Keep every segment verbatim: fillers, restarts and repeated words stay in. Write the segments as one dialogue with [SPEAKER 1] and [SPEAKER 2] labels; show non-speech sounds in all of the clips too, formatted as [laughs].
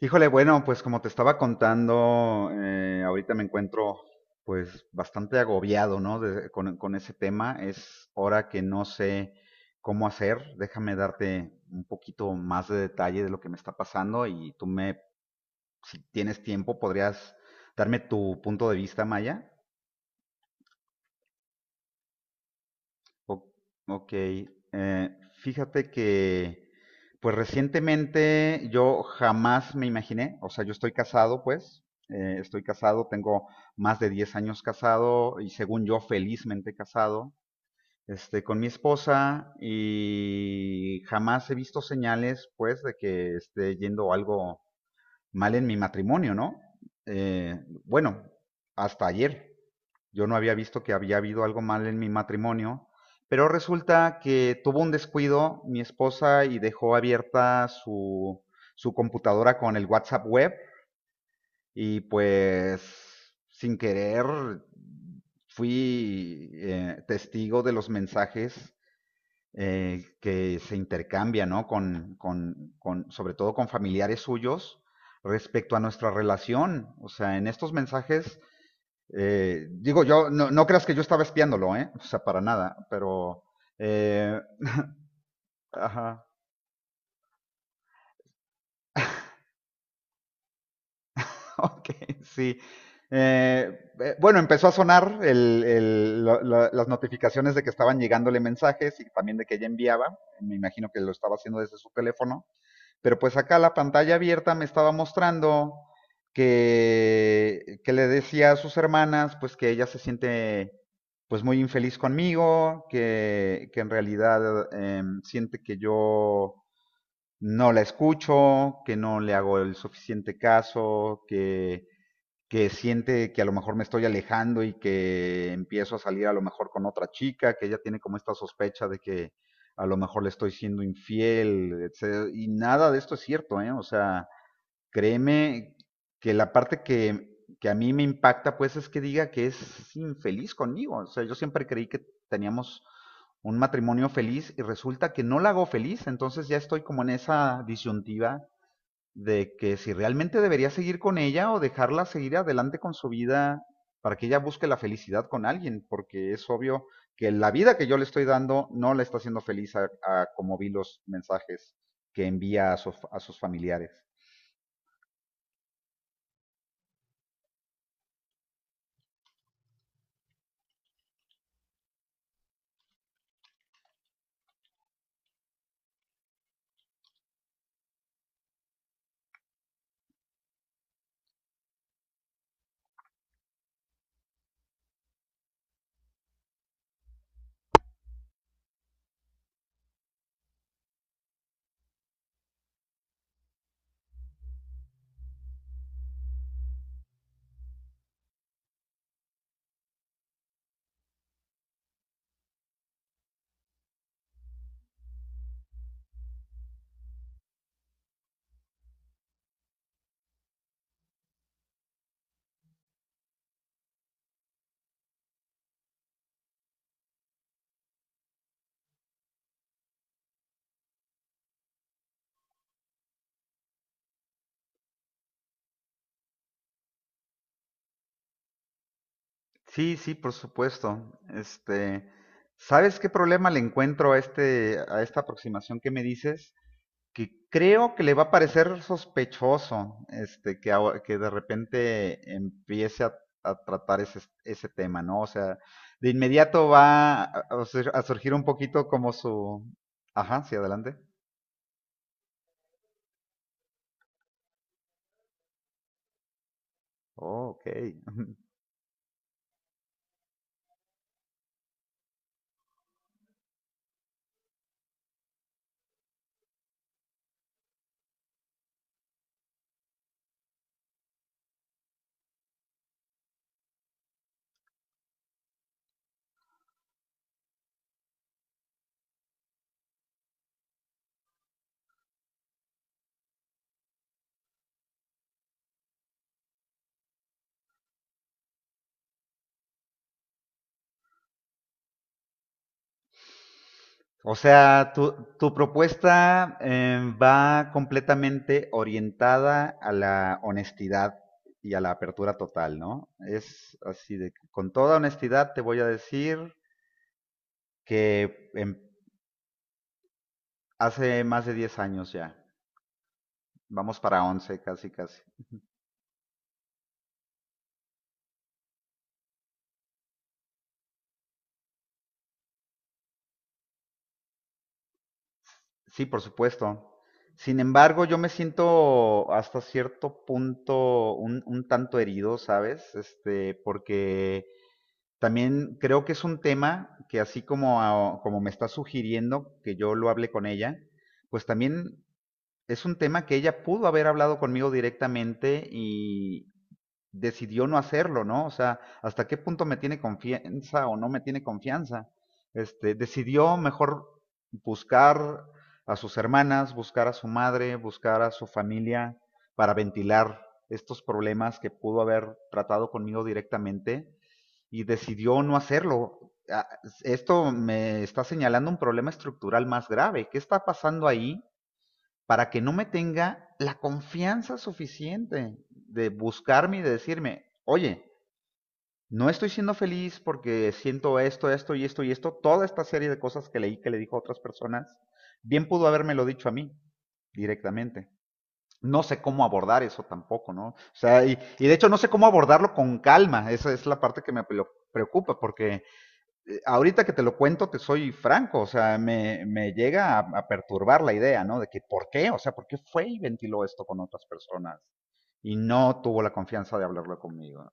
[SPEAKER 1] Híjole, bueno, pues como te estaba contando, eh, ahorita me encuentro pues bastante agobiado, ¿no? de- con, con ese tema. Es hora que no sé cómo hacer. Déjame darte un poquito más de detalle de lo que me está pasando y tú me, si tienes tiempo, podrías darme tu punto de vista, Maya. O- ok, eh, fíjate que, pues recientemente yo jamás me imaginé, o sea, yo estoy casado, pues, eh, estoy casado, tengo más de diez años casado y según yo felizmente casado, este, con mi esposa y jamás he visto señales, pues, de que esté yendo algo mal en mi matrimonio, ¿no? Eh, bueno, hasta ayer yo no había visto que había habido algo mal en mi matrimonio, pero resulta que tuvo un descuido mi esposa y dejó abierta su, su computadora con el WhatsApp web y pues sin querer fui eh, testigo de los mensajes eh, que se intercambia, ¿no? Con, con, con, sobre todo con familiares suyos respecto a nuestra relación. O sea, en estos mensajes, eh, digo yo, no, no, creas que yo estaba espiándolo, ¿eh? O sea, para nada, pero... Eh, ajá, [laughs] ok, sí. Eh, eh, bueno, empezó a sonar el, el, la, la, las notificaciones de que estaban llegándole mensajes y también de que ella enviaba. Me imagino que lo estaba haciendo desde su teléfono. Pero pues acá la pantalla abierta me estaba mostrando que, que le decía a sus hermanas pues que ella se siente pues muy infeliz conmigo, que, que en realidad eh, siente que yo no la escucho, que no le hago el suficiente caso, que que siente que a lo mejor me estoy alejando y que empiezo a salir a lo mejor con otra chica, que ella tiene como esta sospecha de que a lo mejor le estoy siendo infiel, etcétera. Y nada de esto es cierto, ¿eh? O sea, créeme que la parte que, que a mí me impacta, pues, es que diga que es infeliz conmigo. O sea, yo siempre creí que teníamos un matrimonio feliz y resulta que no la hago feliz, entonces ya estoy como en esa disyuntiva de que si realmente debería seguir con ella o dejarla seguir adelante con su vida para que ella busque la felicidad con alguien, porque es obvio que la vida que yo le estoy dando no la está haciendo feliz a, a como vi los mensajes que envía a, su- a sus familiares. Sí, sí, por supuesto. Este, ¿sabes qué problema le encuentro a este, a esta aproximación que me dices? Que creo que le va a parecer sospechoso este, que, que de repente empiece a, a tratar ese, ese tema, ¿no? O sea, de inmediato va a, a surgir un poquito como su... Ajá, sí, adelante. Oh, ok. [laughs] O sea, tu, tu propuesta em, va completamente orientada a la honestidad y a la apertura total, ¿no? Es así de, con toda honestidad te voy a decir que em- Hace más de diez años ya. Vamos para once, casi, casi. Sí, por supuesto. Sin embargo, yo me siento hasta cierto punto un, un tanto herido, ¿sabes? Este, porque también creo que es un tema que así como, a- como me está sugiriendo que yo lo hable con ella, pues también es un tema que ella pudo haber hablado conmigo directamente y, decidió no hacerlo, ¿no? O sea, hasta qué punto me tiene confianza o no me tiene confianza. Este, decidió mejor buscar a sus hermanas, buscar a su madre, buscar a su familia para ventilar estos problemas que pudo haber tratado conmigo directamente y decidió no hacerlo. Ah, Esto me está señalando un problema estructural más grave. ¿Qué está pasando ahí para que no me tenga la confianza suficiente de buscarme y de decirme, oye, no estoy siendo feliz porque siento esto, esto y esto y esto, toda esta serie de cosas que leí que le dijo a otras personas, bien pudo habérmelo dicho a mí directamente. No sé cómo abordar eso tampoco, ¿no? O sea, y, y de hecho no sé cómo abordarlo con calma, esa es la parte que me preocupa, porque ahorita que te lo cuento, te soy franco, o sea, me, me llega a, a perturbar la idea, ¿no? ¿De que, por qué? O sea, ¿por qué fue y ventiló esto con otras personas? Y no tuvo la confianza de hablarlo conmigo.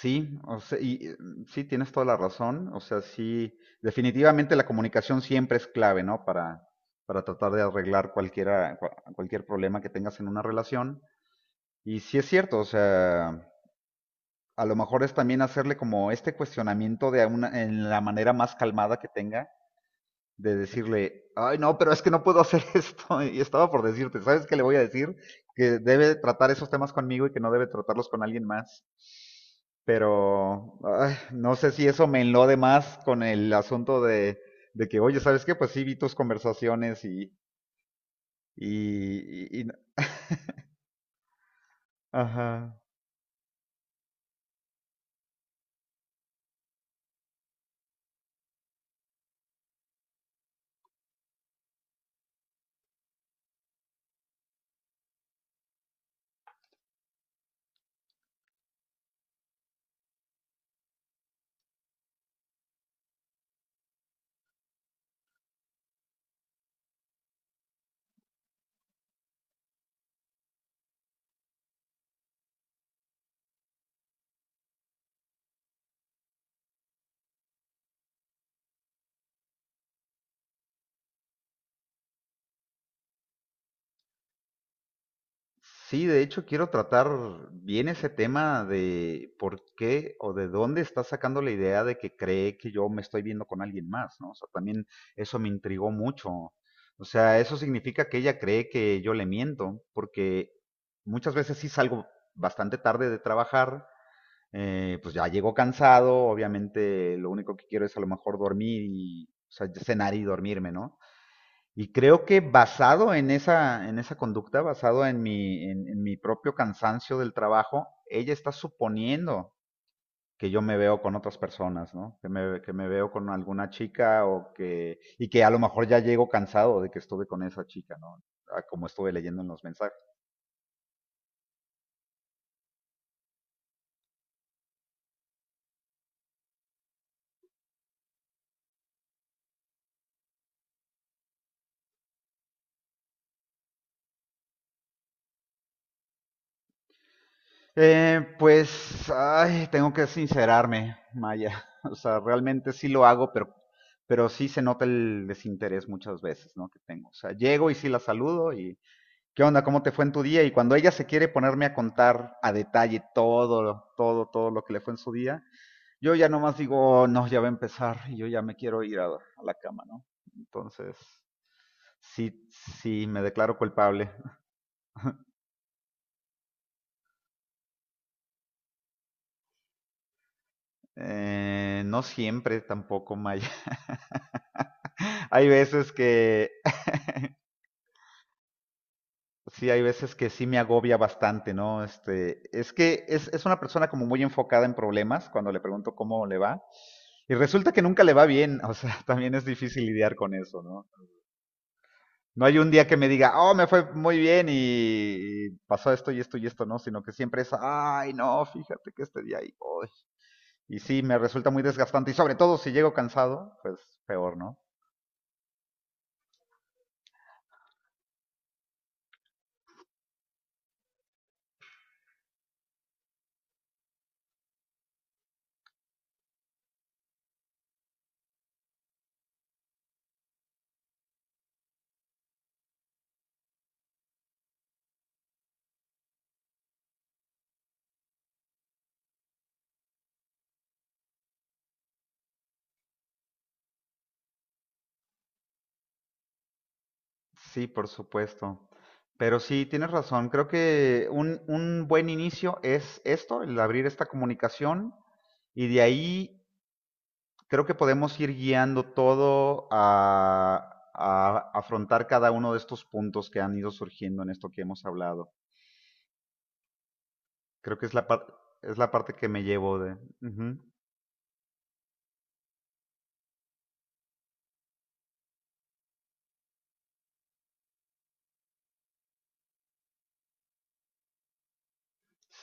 [SPEAKER 1] Sí, o sea, y eh, sí, tienes toda la razón. O sea, sí, definitivamente la comunicación siempre es clave, ¿no? Para, para tratar de arreglar cualquiera, cua- cualquier problema que tengas en una relación. Y sí es cierto, o sea, a lo mejor es también hacerle como este cuestionamiento de una, en la manera más calmada que tenga de decirle, ay, no, pero es que no puedo hacer [laughs] esto. Y estaba por decirte, ¿sabes qué le voy a decir? Que debe tratar esos temas conmigo y que no debe tratarlos con alguien más. Pero ay, no sé si eso me enlode más con el asunto de, de que, oye, ¿sabes qué? Pues sí, vi tus conversaciones y, y, y- y- ajá. Sí, de hecho, quiero tratar bien ese tema de por qué o de dónde está sacando la idea de que cree que yo me estoy viendo con alguien más, ¿no? O sea, también eso me intrigó mucho. O sea, eso significa que ella cree que yo le miento, porque muchas veces sí salgo bastante tarde de trabajar, eh, pues ya llego cansado, obviamente lo único que quiero es a lo mejor dormir y, o sea, cenar y dormirme, ¿no? Y creo que basado en esa, en esa conducta, basado en mi, en, en mi propio cansancio del trabajo, ella está suponiendo que yo me veo con otras personas, ¿no? Que me, que me veo con alguna chica o que, y que a lo mejor ya llego cansado de que estuve con esa chica, ¿no? Ah, como estuve leyendo en los mensajes. Eh, pues, ay, tengo que sincerarme, Maya. [laughs] O sea, realmente sí lo hago, pero, pero sí se nota el desinterés muchas veces, ¿no? Que tengo. O sea, llego y sí la saludo y, ¿qué onda? ¿Cómo te fue en tu día? Y cuando ella se quiere ponerme a contar a detalle todo, todo, todo lo que le fue en su día, yo ya nomás digo, "Oh, no, ya va a empezar y yo ya me quiero ir a, a la cama, ¿no? Entonces, sí, sí, me declaro culpable. Eh, no siempre tampoco, Maya. [laughs] Hay veces que sí, hay veces que sí me agobia bastante, ¿no? Este, es que es, es una persona como muy enfocada en problemas cuando le pregunto cómo le va. Y resulta que nunca le va bien, o sea, [laughs] también es difícil lidiar con eso, ¿no? No hay un día que me diga, oh, me fue muy bien y, y pasó esto y esto y esto, ¿no? Sino que siempre es, ay, no, fíjate que este día ahí voy. Y sí, me resulta muy desgastante y sobre todo si llego cansado, pues peor, ¿no? Sí, por supuesto. Pero sí, tienes razón. Creo que un, un buen inicio es esto, el abrir esta comunicación y de ahí creo que podemos ir guiando todo a, a afrontar cada uno de estos puntos que han ido surgiendo en esto que hemos hablado. Creo que es la, par- es la parte que me llevo de... Ujú.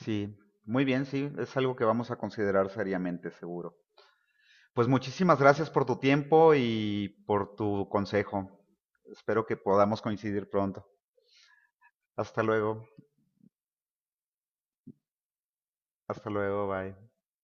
[SPEAKER 1] Sí, muy bien, sí, es algo que vamos a considerar seriamente, seguro. Pues muchísimas gracias por tu tiempo y por tu consejo. Espero que podamos coincidir pronto. Hasta luego. Hasta luego. Bye.